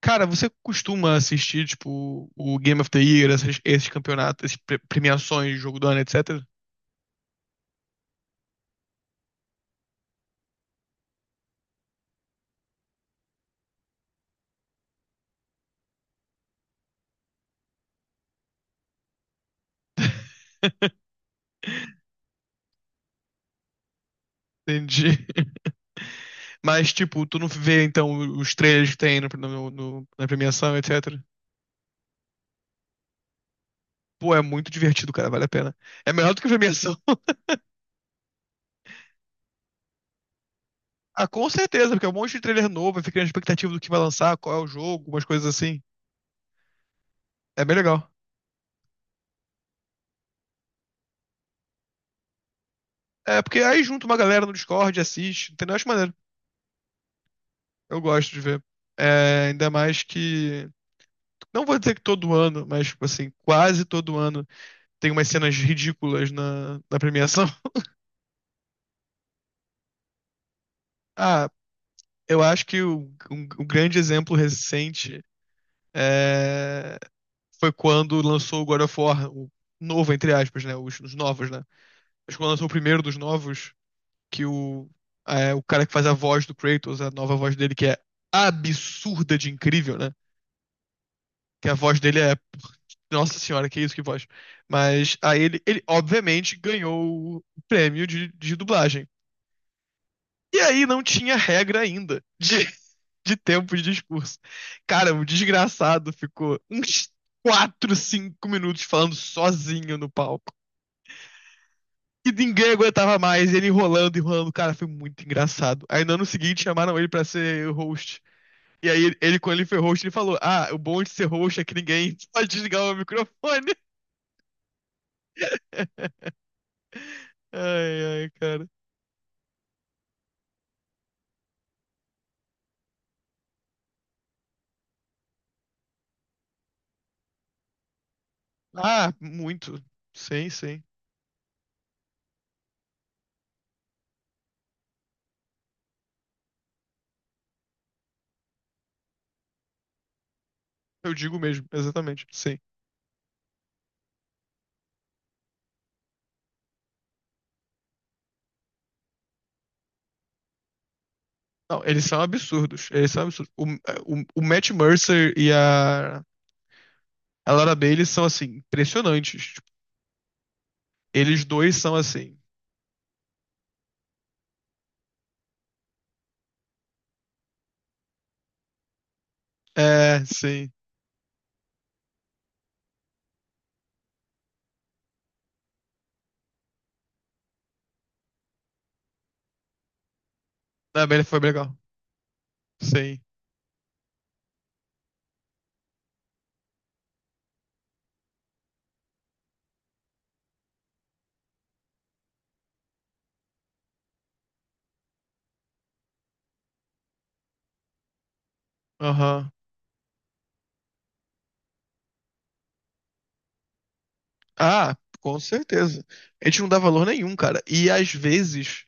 Cara, você costuma assistir, tipo, o Game of the Year, esses campeonatos, essas premiações, jogo do ano, etc? Entendi. Mas, tipo, tu não vê, então, os trailers que tem na premiação, etc? Pô, é muito divertido, cara, vale a pena. É melhor do que a premiação. Ah, com certeza, porque é um monte de trailer novo, aí fica na expectativa do que vai lançar, qual é o jogo, umas coisas assim. É bem legal. É, porque aí junta uma galera no Discord, assiste, entendeu? Acho maneiro. Eu gosto de ver. É, ainda mais que. Não vou dizer que todo ano, mas, tipo assim, quase todo ano tem umas cenas ridículas na premiação. Ah, eu acho que o, um grande exemplo recente é, foi quando lançou o God of War, o novo, entre aspas, né? Os novos, né? Acho que quando lançou o primeiro dos novos. Que o, é, o cara que faz a voz do Kratos, a nova voz dele, que é absurda de incrível, né? Que a voz dele é. Nossa senhora, que isso, que voz. Mas aí ele obviamente ganhou o prêmio de dublagem. E aí não tinha regra ainda de, de tempo de discurso. Cara, o desgraçado ficou uns 4 5 minutos falando sozinho no palco. E ninguém aguentava mais, ele enrolando, enrolando. Cara, foi muito engraçado. Aí no ano seguinte chamaram ele pra ser o host. E aí, quando ele foi host, ele falou: Ah, o bom de ser host é que ninguém pode desligar o microfone. Ai, ai, cara. Ah, muito. Sim, sim. Eu digo mesmo, exatamente. Sim. Não, eles são absurdos. Eles são absurdos. O Matt Mercer e a Laura Bailey são, assim, impressionantes. Tipo, eles dois são assim. É, sim. A Bailey foi bem legal. Sim. Aham. Ah, com certeza. A gente não dá valor nenhum, cara. E às vezes,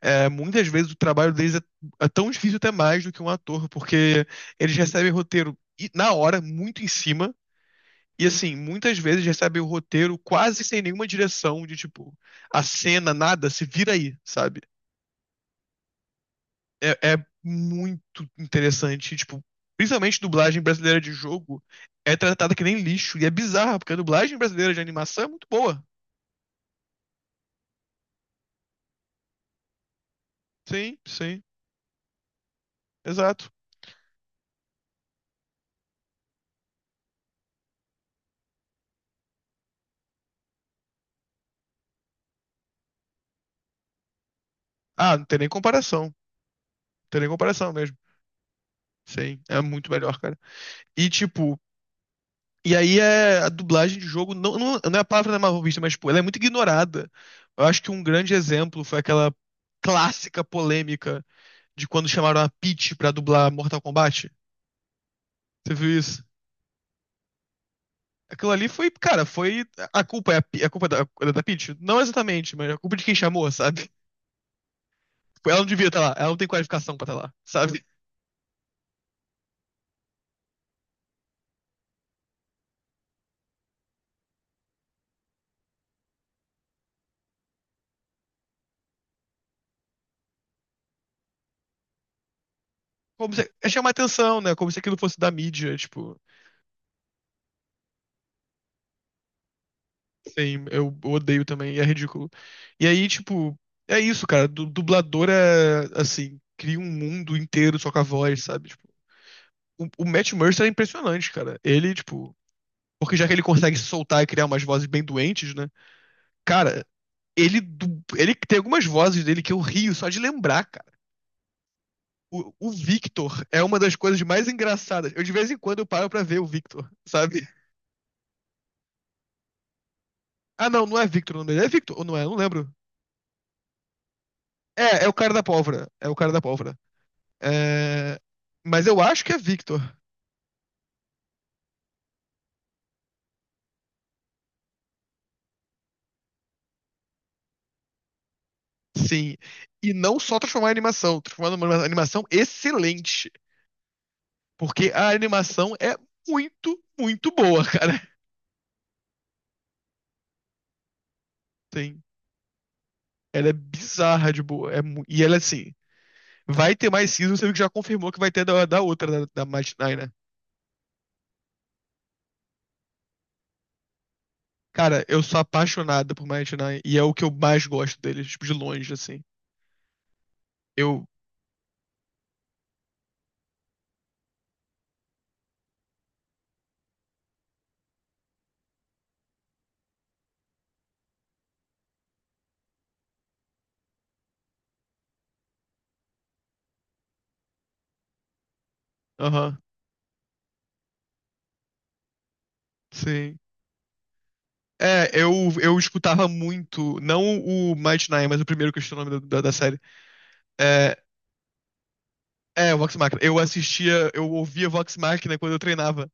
é, muitas vezes o trabalho deles é, é tão difícil até mais do que um ator, porque eles recebem roteiro e- na hora, muito em cima. E assim, muitas vezes recebem o roteiro quase sem nenhuma direção de tipo, a cena, nada, se vira aí, sabe? É, é muito interessante, tipo, principalmente dublagem brasileira de jogo é tratada que nem lixo. E é bizarro, porque a dublagem brasileira de animação é muito boa. Sim, sim. Exato. Ah, não tem nem comparação. Não tem nem comparação mesmo. Sim, é muito melhor, cara. E tipo, e aí é a dublagem de jogo não é a palavra da mal vista, mas tipo, ela é muito ignorada. Eu acho que um grande exemplo foi aquela clássica polêmica de quando chamaram a Peach pra dublar Mortal Kombat. Você viu isso? Aquilo ali foi, cara, foi a culpa é a, Pe- a culpa é da Peach? Não exatamente, mas é a culpa de quem chamou, sabe? Tipo, ela não devia estar lá, ela não tem qualificação pra estar lá, sabe? Como se, é chamar atenção, né? Como se aquilo fosse da mídia, tipo. Sim, eu odeio também, e é ridículo. E aí, tipo, é isso, cara. Du dublador é, assim, cria um mundo inteiro só com a voz, sabe? Tipo, o Matt Mercer é impressionante, cara. Ele, tipo, porque já que ele consegue se soltar e criar umas vozes bem doentes, né? Cara, ele, du- ele tem algumas vozes dele que eu rio só de lembrar, cara. O Victor é uma das coisas mais engraçadas. Eu, de vez em quando, eu paro pra ver o Victor, sabe? Ah, não, não é Victor o nome dele. É Victor, ou não é? Eu não lembro. É, é o cara da pólvora. É o cara da pólvora. É, mas eu acho que é Victor. Sim. E não só transformar em animação, transformar numa animação excelente. Porque a animação é muito, muito boa, cara. Sim. Ela é bizarra de boa. É mu- E ela, assim, vai ter mais season, você viu que já confirmou que vai ter da, da outra, da, da Mighty Nein, né? Cara, eu sou apaixonado por Mighty Nein. E é o que eu mais gosto deles, tipo, de longe, assim. Eu. Aham. Sim. É, eu escutava muito, não o Might Nine, mas o primeiro que eu esqueci o nome da, da série. É, é, o Vox Machina. Eu assistia, eu ouvia Vox Machina quando eu treinava.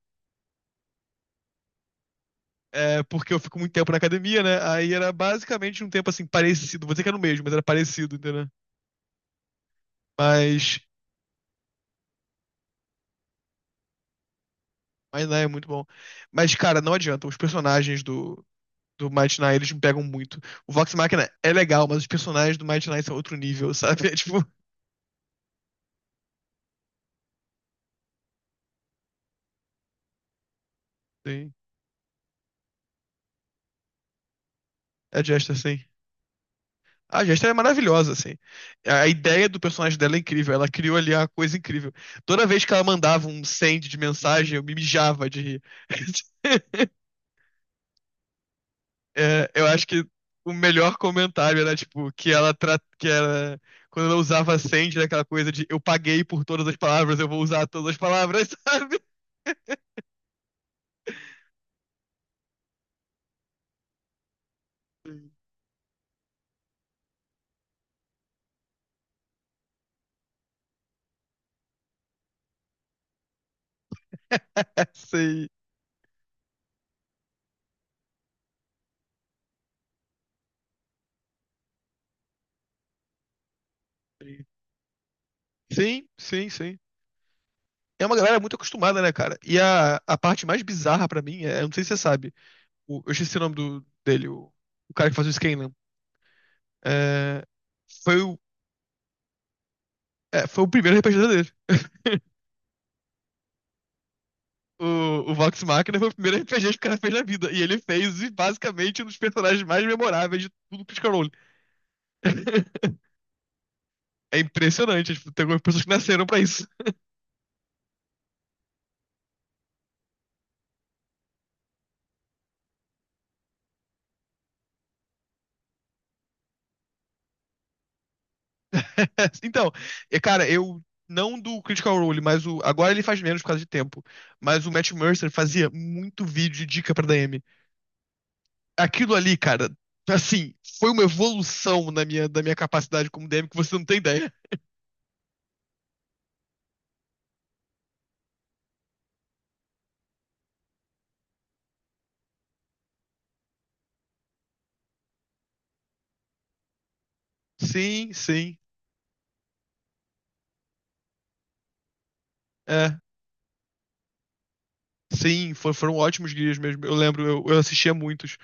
É, porque eu fico muito tempo na academia, né? Aí era basicamente um tempo assim, parecido. Vou dizer que era o mesmo, mas era parecido, entendeu? Mas, mas né, é muito bom. Mas, cara, não adianta. Os personagens do Might Nine, eles me pegam muito. O Vox Machina é legal, mas os personagens do Might Nine são outro nível, sabe? É tipo, sim, é Jester, sim. A Jester é maravilhosa, assim. A ideia do personagem dela é incrível. Ela criou ali a coisa incrível. Toda vez que ela mandava um send de mensagem, eu me mijava de rir. É, eu acho que o melhor comentário era, tipo, que ela, tra... que ela... Quando ela usava send, era aquela coisa de eu paguei por todas as palavras, eu vou usar todas as palavras, sabe? Sim. Sim, sim, sim. É uma galera muito acostumada, né, cara? E a parte mais bizarra pra mim é, eu não sei se você sabe, o- eu esqueci o nome do, dele, o cara que faz o Scanlan. É, foi o, é, foi o primeiro RPG dele. O, o Vox Machina foi o primeiro RPG que o cara fez na vida. E ele fez, e, basicamente, um dos personagens mais memoráveis de tudo Critical Role. É impressionante. Tipo, tem algumas pessoas que nasceram pra isso. Então, é, cara, eu. Não do Critical Role, mas o. Agora ele faz menos por causa de tempo. Mas o Matt Mercer fazia muito vídeo de dica pra DM. Aquilo ali, cara, assim, foi uma evolução na minha, da minha capacidade como DM que você não tem ideia. Sim, sim, é. Sim, for- foram ótimos guias mesmo. Eu lembro, eu assistia muitos.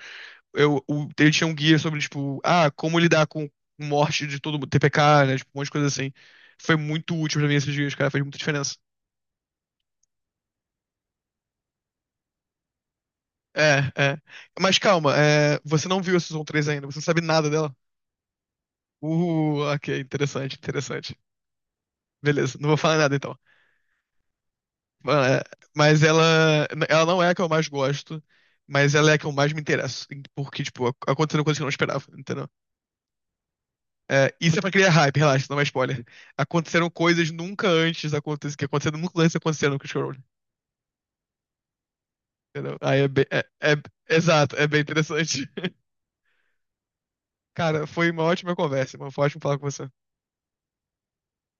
Eu, o, ele tinha um guia sobre, tipo, ah, como lidar com morte de todo mundo, TPK, né? Tipo, um monte de coisa assim. Foi muito útil pra mim esses guias, cara, fez muita diferença. É, é. Mas calma, é, você não viu a Season 3 ainda, você não sabe nada dela. Ok, interessante, interessante. Beleza, não vou falar nada então. Mano, é- Mas ela não é a que eu mais gosto, mas ela é a que eu mais me interesso. Porque, tipo, ac- aconteceram coisas que eu não esperava, entendeu? É, isso é pra criar hype, relaxa, não é spoiler. Aconteceram coisas nunca antes acontecidas, que aconteceram nunca antes aconteceram com o Scroll, entendeu? Aí é bem. É, é- exato, é bem interessante. Cara, foi uma ótima conversa, mano. Foi ótimo falar com você.